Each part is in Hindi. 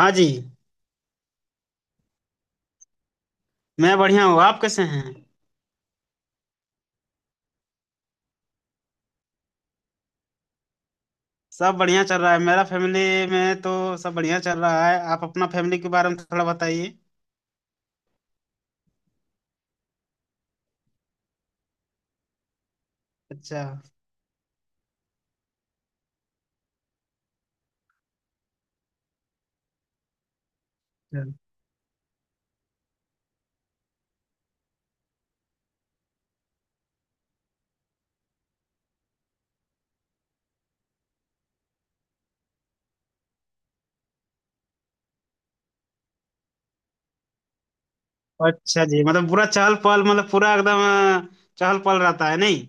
हाँ जी। मैं बढ़िया हूँ, आप कैसे हैं? सब बढ़िया चल रहा है, मेरा फैमिली में तो सब बढ़िया चल रहा है। आप अपना फैमिली के बारे में थोड़ा बताइए। अच्छा अच्छा। अच्छा जी, मतलब पूरा चहल पहल, मतलब पूरा एकदम अ, चहल पहल रहता है नहीं?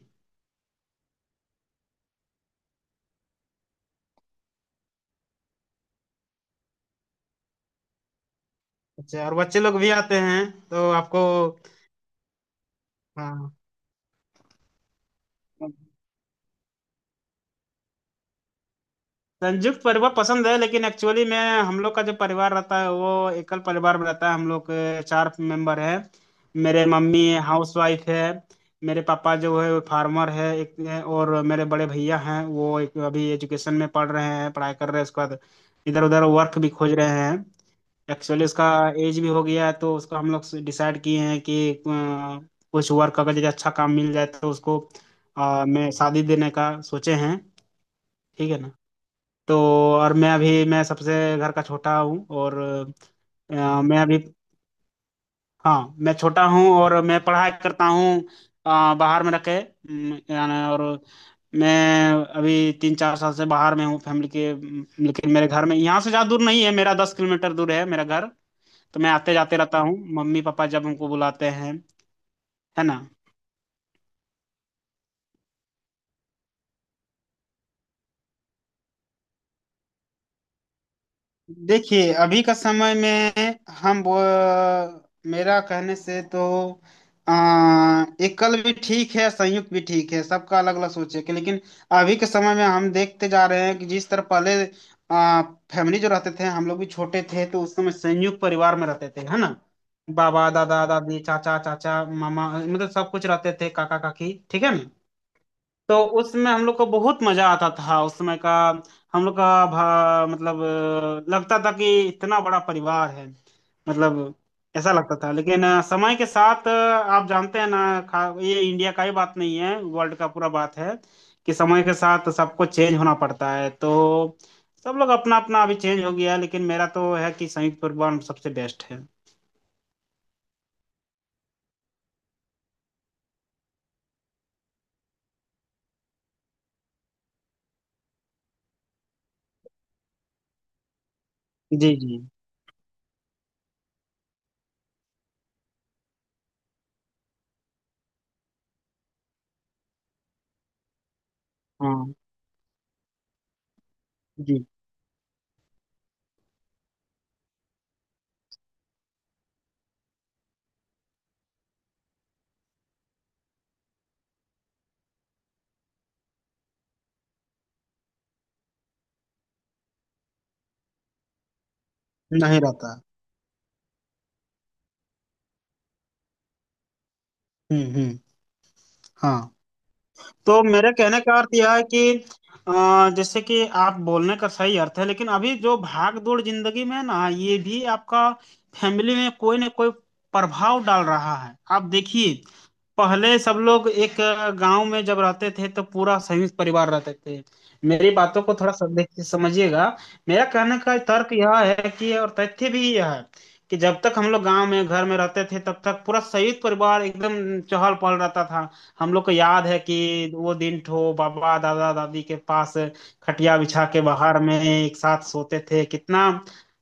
अच्छा, और बच्चे लोग भी आते हैं तो आपको। हाँ, संयुक्त परिवार पसंद है, लेकिन एक्चुअली में हम लोग का जो परिवार रहता है वो एकल परिवार में रहता है। हम लोग 4 मेंबर हैं। मेरे मम्मी हाउस वाइफ है, मेरे पापा जो है वो फार्मर है एक है, और मेरे बड़े भैया हैं वो एक अभी एजुकेशन में पढ़ रहे हैं, पढ़ाई कर रहे हैं। उसके बाद इधर उधर वर्क भी खोज रहे हैं। एक्चुअली उसका एज भी हो गया है, तो उसको हम लोग डिसाइड किए हैं कि कुछ वर्क अगर जैसे अच्छा काम मिल जाए तो उसको मैं शादी देने का सोचे हैं। ठीक है ना। तो और मैं सबसे घर का छोटा हूँ और अ, मैं अभी हाँ मैं छोटा हूँ और मैं पढ़ाई करता हूँ। बाहर में रखे, यानी और मैं अभी 3-4 साल से बाहर में हूँ फैमिली के, लेकिन मेरे घर में यहाँ से ज़्यादा दूर नहीं है, मेरा 10 किलोमीटर दूर है मेरा घर। तो मैं आते जाते रहता हूँ, मम्मी पापा जब हमको बुलाते हैं। है ना। देखिए अभी का समय में हम वो, मेरा कहने से तो एकल भी ठीक है, संयुक्त भी ठीक है, सबका अलग अलग सोच है कि। लेकिन अभी के समय में हम देखते जा रहे हैं कि जिस तरह पहले आ, फैमिली जो रहते थे, हम लोग भी छोटे थे तो उस समय संयुक्त परिवार में रहते थे। है ना। बाबा दादा दादी चाचा चाचा मामा, मतलब सब कुछ रहते थे, काका काकी। ठीक है ना। तो उसमें हम लोग को बहुत मजा आता था उस समय का। हम लोग का भा, मतलब अ, लगता था कि इतना बड़ा परिवार है, मतलब ऐसा लगता था। लेकिन समय के साथ, आप जानते हैं ना, ये इंडिया का ही बात नहीं है, वर्ल्ड का पूरा बात है कि समय के साथ सबको चेंज होना पड़ता है। तो सब लोग अपना अपना अभी चेंज हो गया है, लेकिन मेरा तो है कि संयुक्त परिवार सबसे बेस्ट है। जी जी। हाँ जी, नहीं रहता। हम्म। हाँ, तो मेरे कहने का अर्थ यह है कि जैसे कि आप बोलने का सही अर्थ है, लेकिन अभी जो भाग दौड़ जिंदगी में है ना, ये भी आपका फैमिली में कोई ना कोई प्रभाव डाल रहा है। आप देखिए, पहले सब लोग एक गांव में जब रहते थे तो पूरा संयुक्त परिवार रहते थे। मेरी बातों को थोड़ा सब देख समझिएगा। मेरा कहने का तर्क यह है, कि और तथ्य भी यह है कि जब तक हम लोग गांव में घर में रहते थे, तब तक पूरा संयुक्त परिवार एकदम चहल पहल रहता था। हम लोग को याद है कि वो दिन ठो बाबा दादा दादी के पास खटिया बिछा के बाहर में एक साथ सोते थे। कितना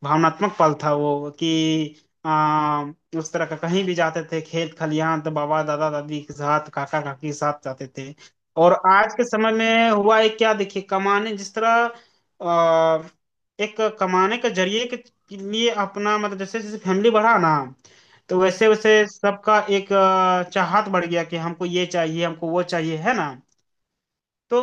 भावनात्मक पल था वो। कि आ, उस तरह का कहीं भी जाते थे, खेत खलिहान तो बाबा दादा दादी के साथ, काका काकी के साथ जाते थे। और आज के समय में हुआ है क्या, देखिए कमाने जिस तरह आ, एक कमाने के जरिए के लिए अपना, मतलब जैसे जैसे फैमिली बढ़ा ना, तो वैसे वैसे सबका एक चाहत बढ़ गया कि हमको ये चाहिए हमको वो चाहिए। है ना। तो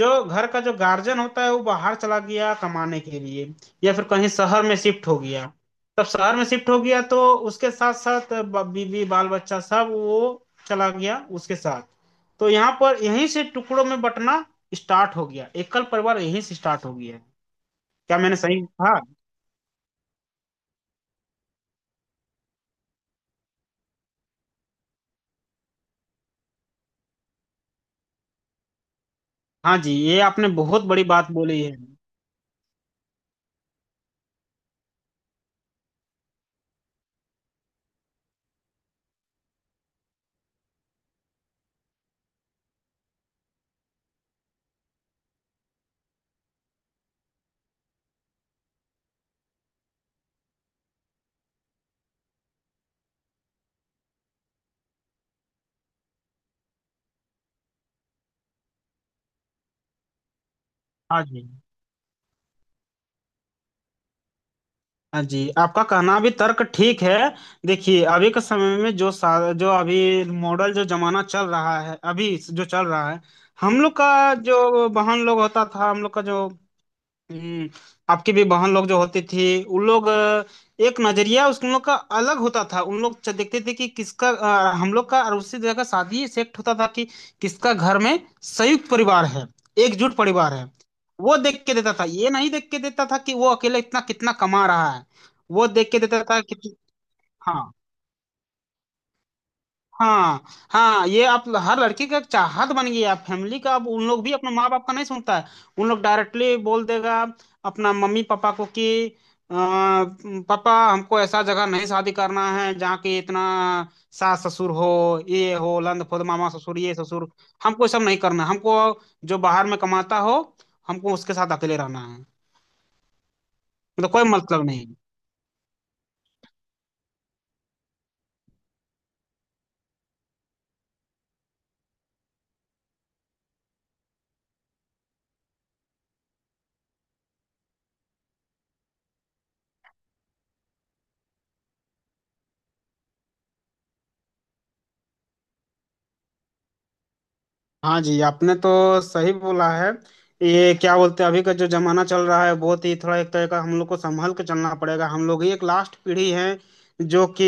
जो घर का जो गार्जियन होता है वो बाहर चला गया कमाने के लिए, या फिर कहीं शहर में शिफ्ट हो गया। तब शहर में शिफ्ट हो गया तो उसके साथ साथ बीवी बाल बच्चा सब वो चला गया उसके साथ। तो यहाँ पर यहीं से टुकड़ों में बंटना स्टार्ट हो गया, एकल परिवार यहीं से स्टार्ट हो गया। क्या मैंने सही कहा? हाँ जी, ये आपने बहुत बड़ी बात बोली है। हाँ जी। हाँ जी, आपका कहना भी तर्क ठीक है। देखिए अभी के समय में जो अभी मॉडल जो जमाना चल रहा है अभी जो चल रहा है, हम लोग का जो बहन लोग होता था, हम लोग का जो, हम्म, आपकी भी बहन लोग जो होती थी, उन लोग एक नजरिया उस उन लोग का अलग होता था। उन लोग देखते थे कि किसका हम लोग का, और उसी जगह शादी सेट होता था कि किसका घर में संयुक्त परिवार है, एकजुट परिवार है। वो देख के देता था, ये नहीं देख के देता था कि वो अकेले इतना कितना कमा रहा है। वो देख के देता था कि, हाँ हाँ। हाँ, ये आप हर लड़की का एक चाहत बन गई है फैमिली का। अब उन लोग भी अपने माँ बाप का नहीं सुनता है, उन लोग डायरेक्टली बोल देगा अपना मम्मी पापा को कि, पापा हमको ऐसा जगह नहीं शादी करना है जहाँ के इतना सास ससुर हो, ये हो लंद फुंद मामा ससुर ये ससुर, हमको ये सब नहीं करना है। हमको जो बाहर में कमाता हो, हमको उसके साथ अकेले रहना है। मतलब कोई मतलब नहीं। हाँ जी, आपने तो सही बोला है। ये क्या बोलते हैं, अभी का जो जमाना चल रहा है बहुत ही थोड़ा एक तरह का, हम लोग को संभल के चलना पड़ेगा। हम लोग ही एक लास्ट पीढ़ी है जो कि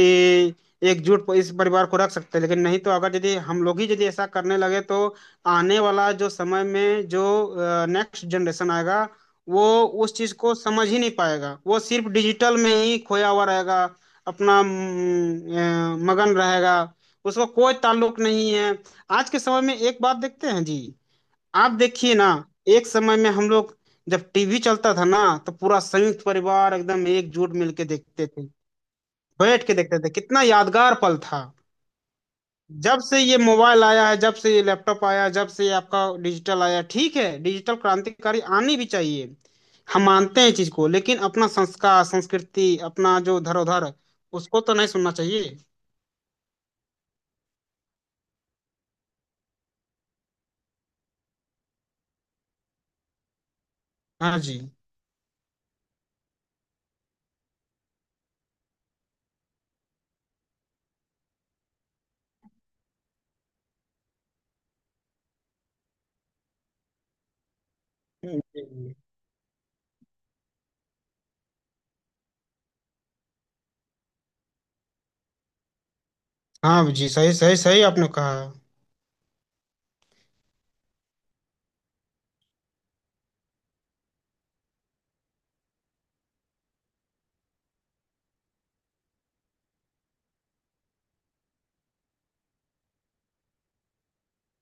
एकजुट इस परिवार को रख सकते हैं, लेकिन नहीं तो अगर यदि हम लोग ही यदि ऐसा करने लगे तो आने वाला जो समय में जो नेक्स्ट जनरेशन आएगा, वो उस चीज को समझ ही नहीं पाएगा। वो सिर्फ डिजिटल में ही खोया हुआ रहेगा, अपना मगन रहेगा, उसको कोई ताल्लुक नहीं है। आज के समय में एक बात देखते हैं जी। आप देखिए ना, एक समय में हम लोग जब टीवी चलता था ना, तो पूरा संयुक्त परिवार एकदम एकजुट मिलके देखते थे, बैठ के देखते थे। कितना यादगार पल था। जब से ये मोबाइल आया है, जब से ये लैपटॉप आया, जब से ये आपका डिजिटल आया, ठीक है डिजिटल क्रांतिकारी आनी भी चाहिए, हम मानते हैं चीज को, लेकिन अपना संस्कार संस्कृति अपना जो धरोहर, उसको तो नहीं सुनना चाहिए। हाँ जी। जी, जी। हाँ जी, सही सही सही आपने कहा।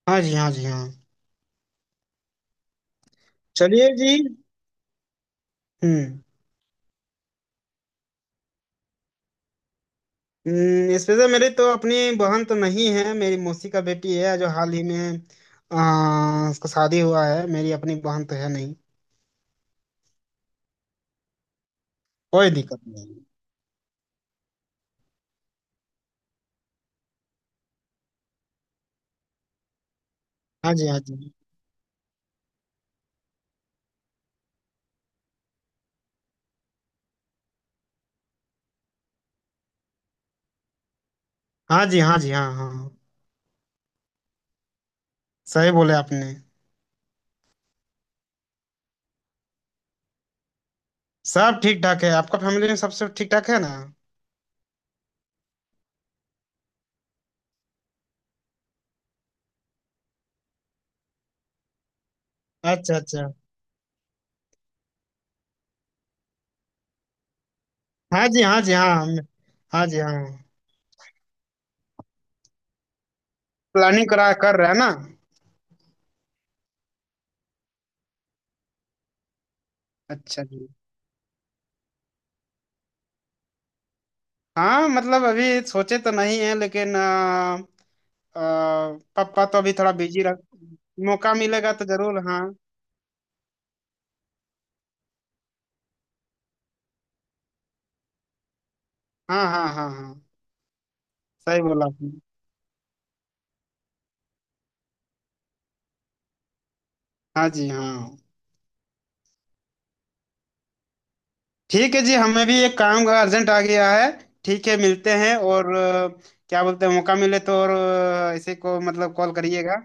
हाँ जी हाँ जी हाँ। चलिए जी। हम्म। स्पेशल मेरी तो अपनी बहन तो नहीं है, मेरी मौसी का बेटी है जो हाल ही में उसका शादी हुआ है, मेरी अपनी बहन तो है नहीं। कोई दिक्कत नहीं। हाँ जी हाँ जी। हाँ जी हाँ जी हाँ हाँ, सही बोले आपने। सब ठीक ठाक है, आपका फैमिली में सब सब ठीक ठाक है ना? अच्छा अच्छा। हाँ जी हाँ जी हाँ हम-, हाँ जी हाँ, प्लानिंग करा कर रहे हैं ना। अच्छा जी, हाँ मतलब अभी सोचे तो नहीं है, लेकिन अ, पापा तो अभी थोड़ा बिजी रह, मौका मिलेगा तो जरूर। हाँ हाँ हाँ हाँ हाँ, सही बोला आपने। हाँ जी हाँ। ठीक है जी, हमें भी एक काम का अर्जेंट आ गया है। ठीक है मिलते हैं, और क्या बोलते हैं मौका मिले तो, और ऐसे को मतलब कॉल करिएगा।